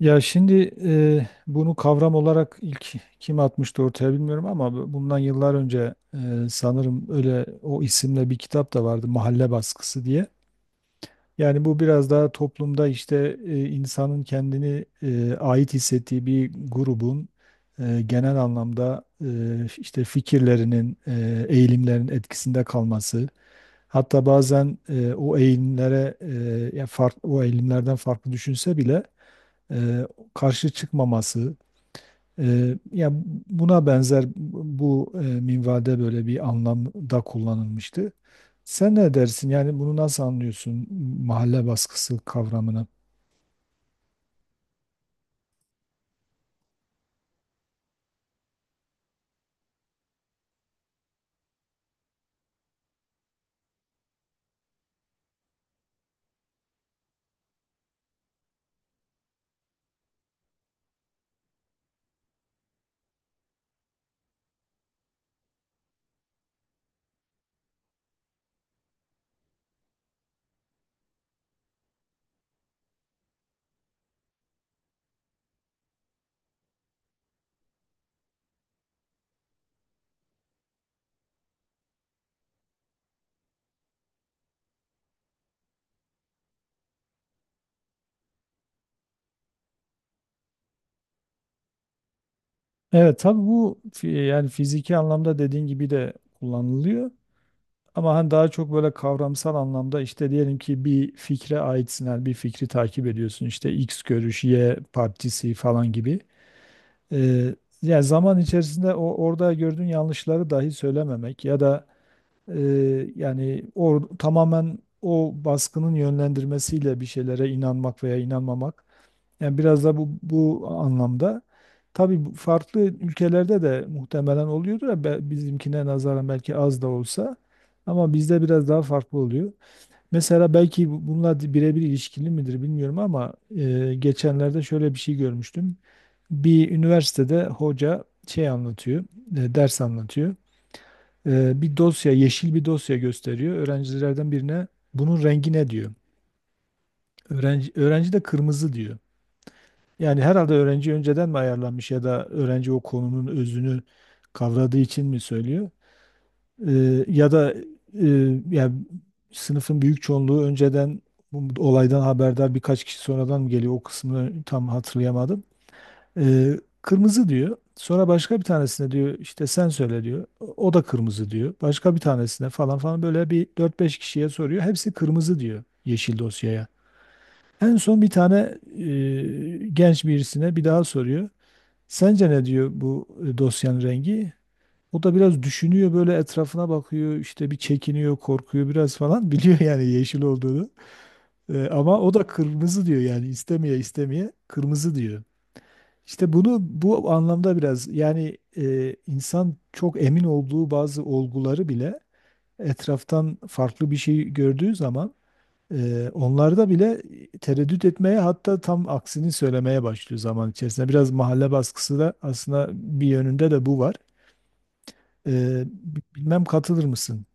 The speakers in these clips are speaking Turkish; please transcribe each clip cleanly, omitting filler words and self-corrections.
Ya şimdi bunu kavram olarak ilk kim atmıştı ortaya bilmiyorum ama bundan yıllar önce sanırım öyle o isimle bir kitap da vardı Mahalle Baskısı diye. Yani bu biraz daha toplumda işte insanın kendini ait hissettiği bir grubun genel anlamda işte fikirlerinin, eğilimlerin etkisinde kalması. Hatta bazen o eğilimlere o eğilimlerden farklı düşünse bile e, karşı çıkmaması e, ya buna benzer bu minvalde böyle bir anlamda kullanılmıştı. Sen ne dersin? Yani bunu nasıl anlıyorsun mahalle baskısı kavramını? Evet, tabii bu yani fiziki anlamda dediğin gibi de kullanılıyor. Ama hani daha çok böyle kavramsal anlamda işte diyelim ki bir fikre aitsin, yani bir fikri takip ediyorsun. İşte X görüş, Y partisi falan gibi. Eee, Yani zaman içerisinde o orada gördüğün yanlışları dahi söylememek ya da tamamen o baskının yönlendirmesiyle bir şeylere inanmak veya inanmamak. Yani biraz da bu anlamda. Tabii bu farklı ülkelerde de muhtemelen oluyordur ya bizimkine nazaran belki az da olsa, ama bizde biraz daha farklı oluyor. Mesela belki bununla birebir ilişkili midir bilmiyorum ama geçenlerde şöyle bir şey görmüştüm. Bir üniversitede hoca şey anlatıyor, ders anlatıyor. E, bir dosya, yeşil bir dosya gösteriyor. Öğrencilerden birine bunun rengi ne diyor. Öğrenci de kırmızı diyor. Yani herhalde öğrenci önceden mi ayarlanmış ya da öğrenci o konunun özünü kavradığı için mi söylüyor? E, ya da e, ya sınıfın büyük çoğunluğu önceden bu olaydan haberdar, birkaç kişi sonradan mı geliyor, o kısmını tam hatırlayamadım. Kırmızı diyor. Sonra başka bir tanesine diyor işte sen söyle diyor. O da kırmızı diyor. Başka bir tanesine falan falan, böyle bir dört beş kişiye soruyor. Hepsi kırmızı diyor yeşil dosyaya. En son bir tane genç birisine bir daha soruyor. Sence ne diyor bu dosyanın rengi? O da biraz düşünüyor, böyle etrafına bakıyor, işte bir çekiniyor, korkuyor biraz falan biliyor yani yeşil olduğunu. Ama o da kırmızı diyor, yani istemeye istemeye kırmızı diyor. İşte bunu bu anlamda biraz yani insan çok emin olduğu bazı olguları bile etraftan farklı bir şey gördüğü zaman onlarda bile tereddüt etmeye, hatta tam aksini söylemeye başlıyor zaman içerisinde. Biraz mahalle baskısı da aslında bir yönünde de bu var. E, Bilmem katılır mısın?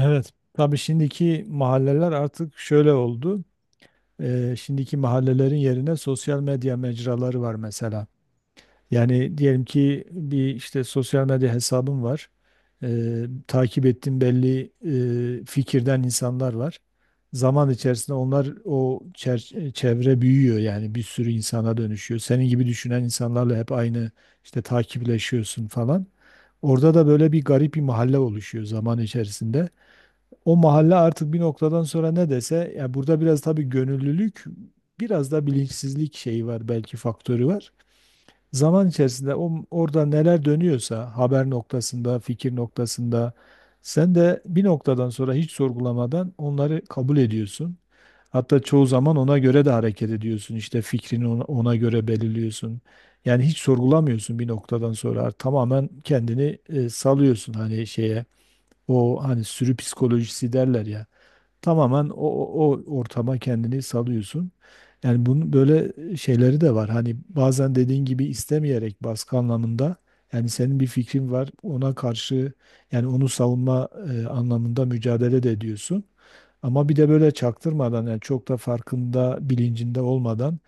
Evet. Tabii şimdiki mahalleler artık şöyle oldu. E, şimdiki mahallelerin yerine sosyal medya mecraları var mesela. Yani diyelim ki bir işte sosyal medya hesabım var. Takip ettiğim belli fikirden insanlar var. Zaman içerisinde onlar çevre büyüyor, yani bir sürü insana dönüşüyor. Senin gibi düşünen insanlarla hep aynı işte takipleşiyorsun falan. Orada da böyle bir garip bir mahalle oluşuyor zaman içerisinde. O mahalle artık bir noktadan sonra ne dese, ya burada biraz tabii gönüllülük, biraz da bilinçsizlik şeyi var, belki faktörü var, zaman içerisinde orada neler dönüyorsa haber noktasında, fikir noktasında sen de bir noktadan sonra hiç sorgulamadan onları kabul ediyorsun. Hatta çoğu zaman ona göre de hareket ediyorsun. İşte fikrini ona göre belirliyorsun. Yani hiç sorgulamıyorsun bir noktadan sonra, tamamen kendini salıyorsun hani şeye. O hani sürü psikolojisi derler ya. Tamamen o ortama kendini salıyorsun. Yani bunun böyle şeyleri de var. Hani bazen dediğin gibi istemeyerek baskı anlamında, yani senin bir fikrin var ona karşı, yani onu savunma anlamında mücadele de ediyorsun. Ama bir de böyle çaktırmadan, yani çok da farkında bilincinde olmadan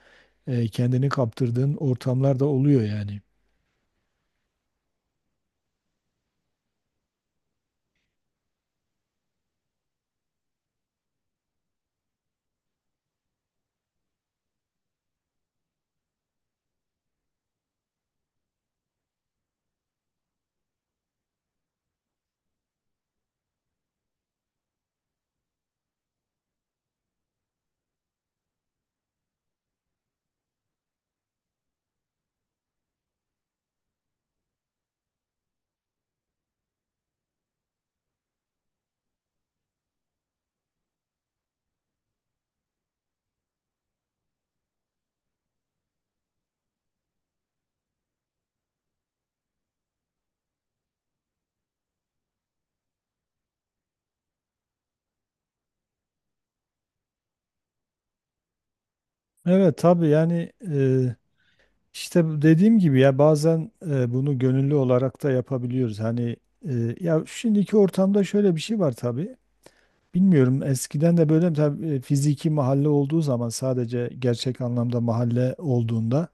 kendini kaptırdığın ortamlar da oluyor yani. Evet tabii yani işte bu dediğim gibi ya bazen bunu gönüllü olarak da yapabiliyoruz. Hani ya şimdiki ortamda şöyle bir şey var tabii. Bilmiyorum eskiden de böyle mi? Tabii fiziki mahalle olduğu zaman, sadece gerçek anlamda mahalle olduğunda,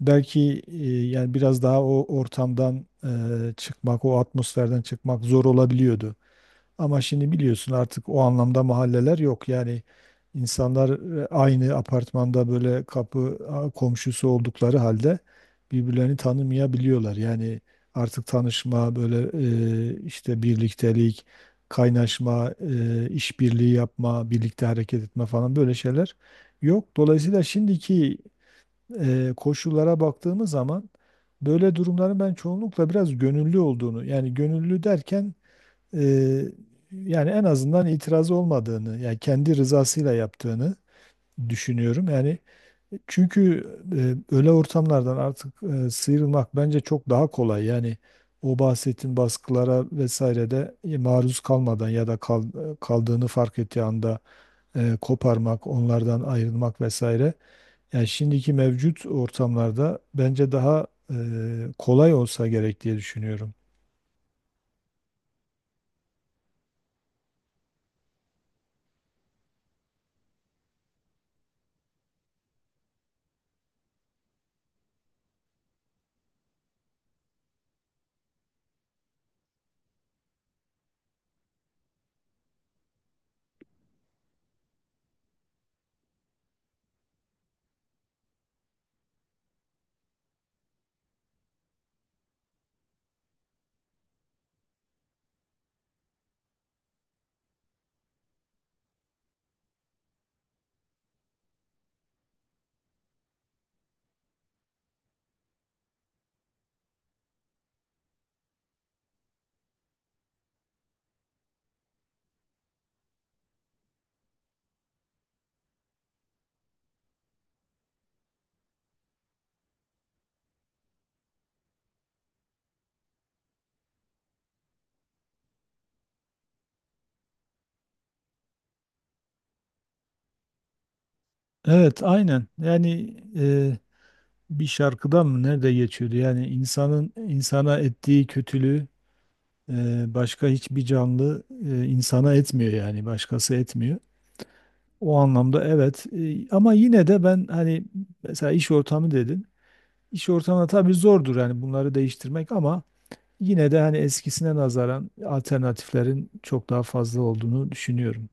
belki yani biraz daha o ortamdan çıkmak, o atmosferden çıkmak zor olabiliyordu. Ama şimdi biliyorsun artık o anlamda mahalleler yok. Yani insanlar aynı apartmanda böyle komşusu oldukları halde birbirlerini tanımayabiliyorlar. Yani artık tanışma, böyle işte birliktelik, kaynaşma, işbirliği yapma, birlikte hareket etme falan, böyle şeyler yok. Dolayısıyla şimdiki koşullara baktığımız zaman böyle durumların ben çoğunlukla biraz gönüllü olduğunu, yani gönüllü derken e, yani en azından itiraz olmadığını, yani kendi rızasıyla yaptığını düşünüyorum. Yani çünkü öyle ortamlardan artık sıyrılmak bence çok daha kolay. Yani o bahsettiğin baskılara vesaire de maruz kalmadan ya da kaldığını fark ettiği anda koparmak, onlardan ayrılmak vesaire. Yani şimdiki mevcut ortamlarda bence daha kolay olsa gerek diye düşünüyorum. Evet, aynen. Yani bir şarkıda mı nerede geçiyordu? Yani insanın insana ettiği kötülüğü e, başka hiçbir canlı insana etmiyor, yani başkası etmiyor. O anlamda evet. E, ama yine de ben hani mesela iş ortamı dedin. İş ortamı tabii zordur yani bunları değiştirmek, ama yine de hani eskisine nazaran alternatiflerin çok daha fazla olduğunu düşünüyorum.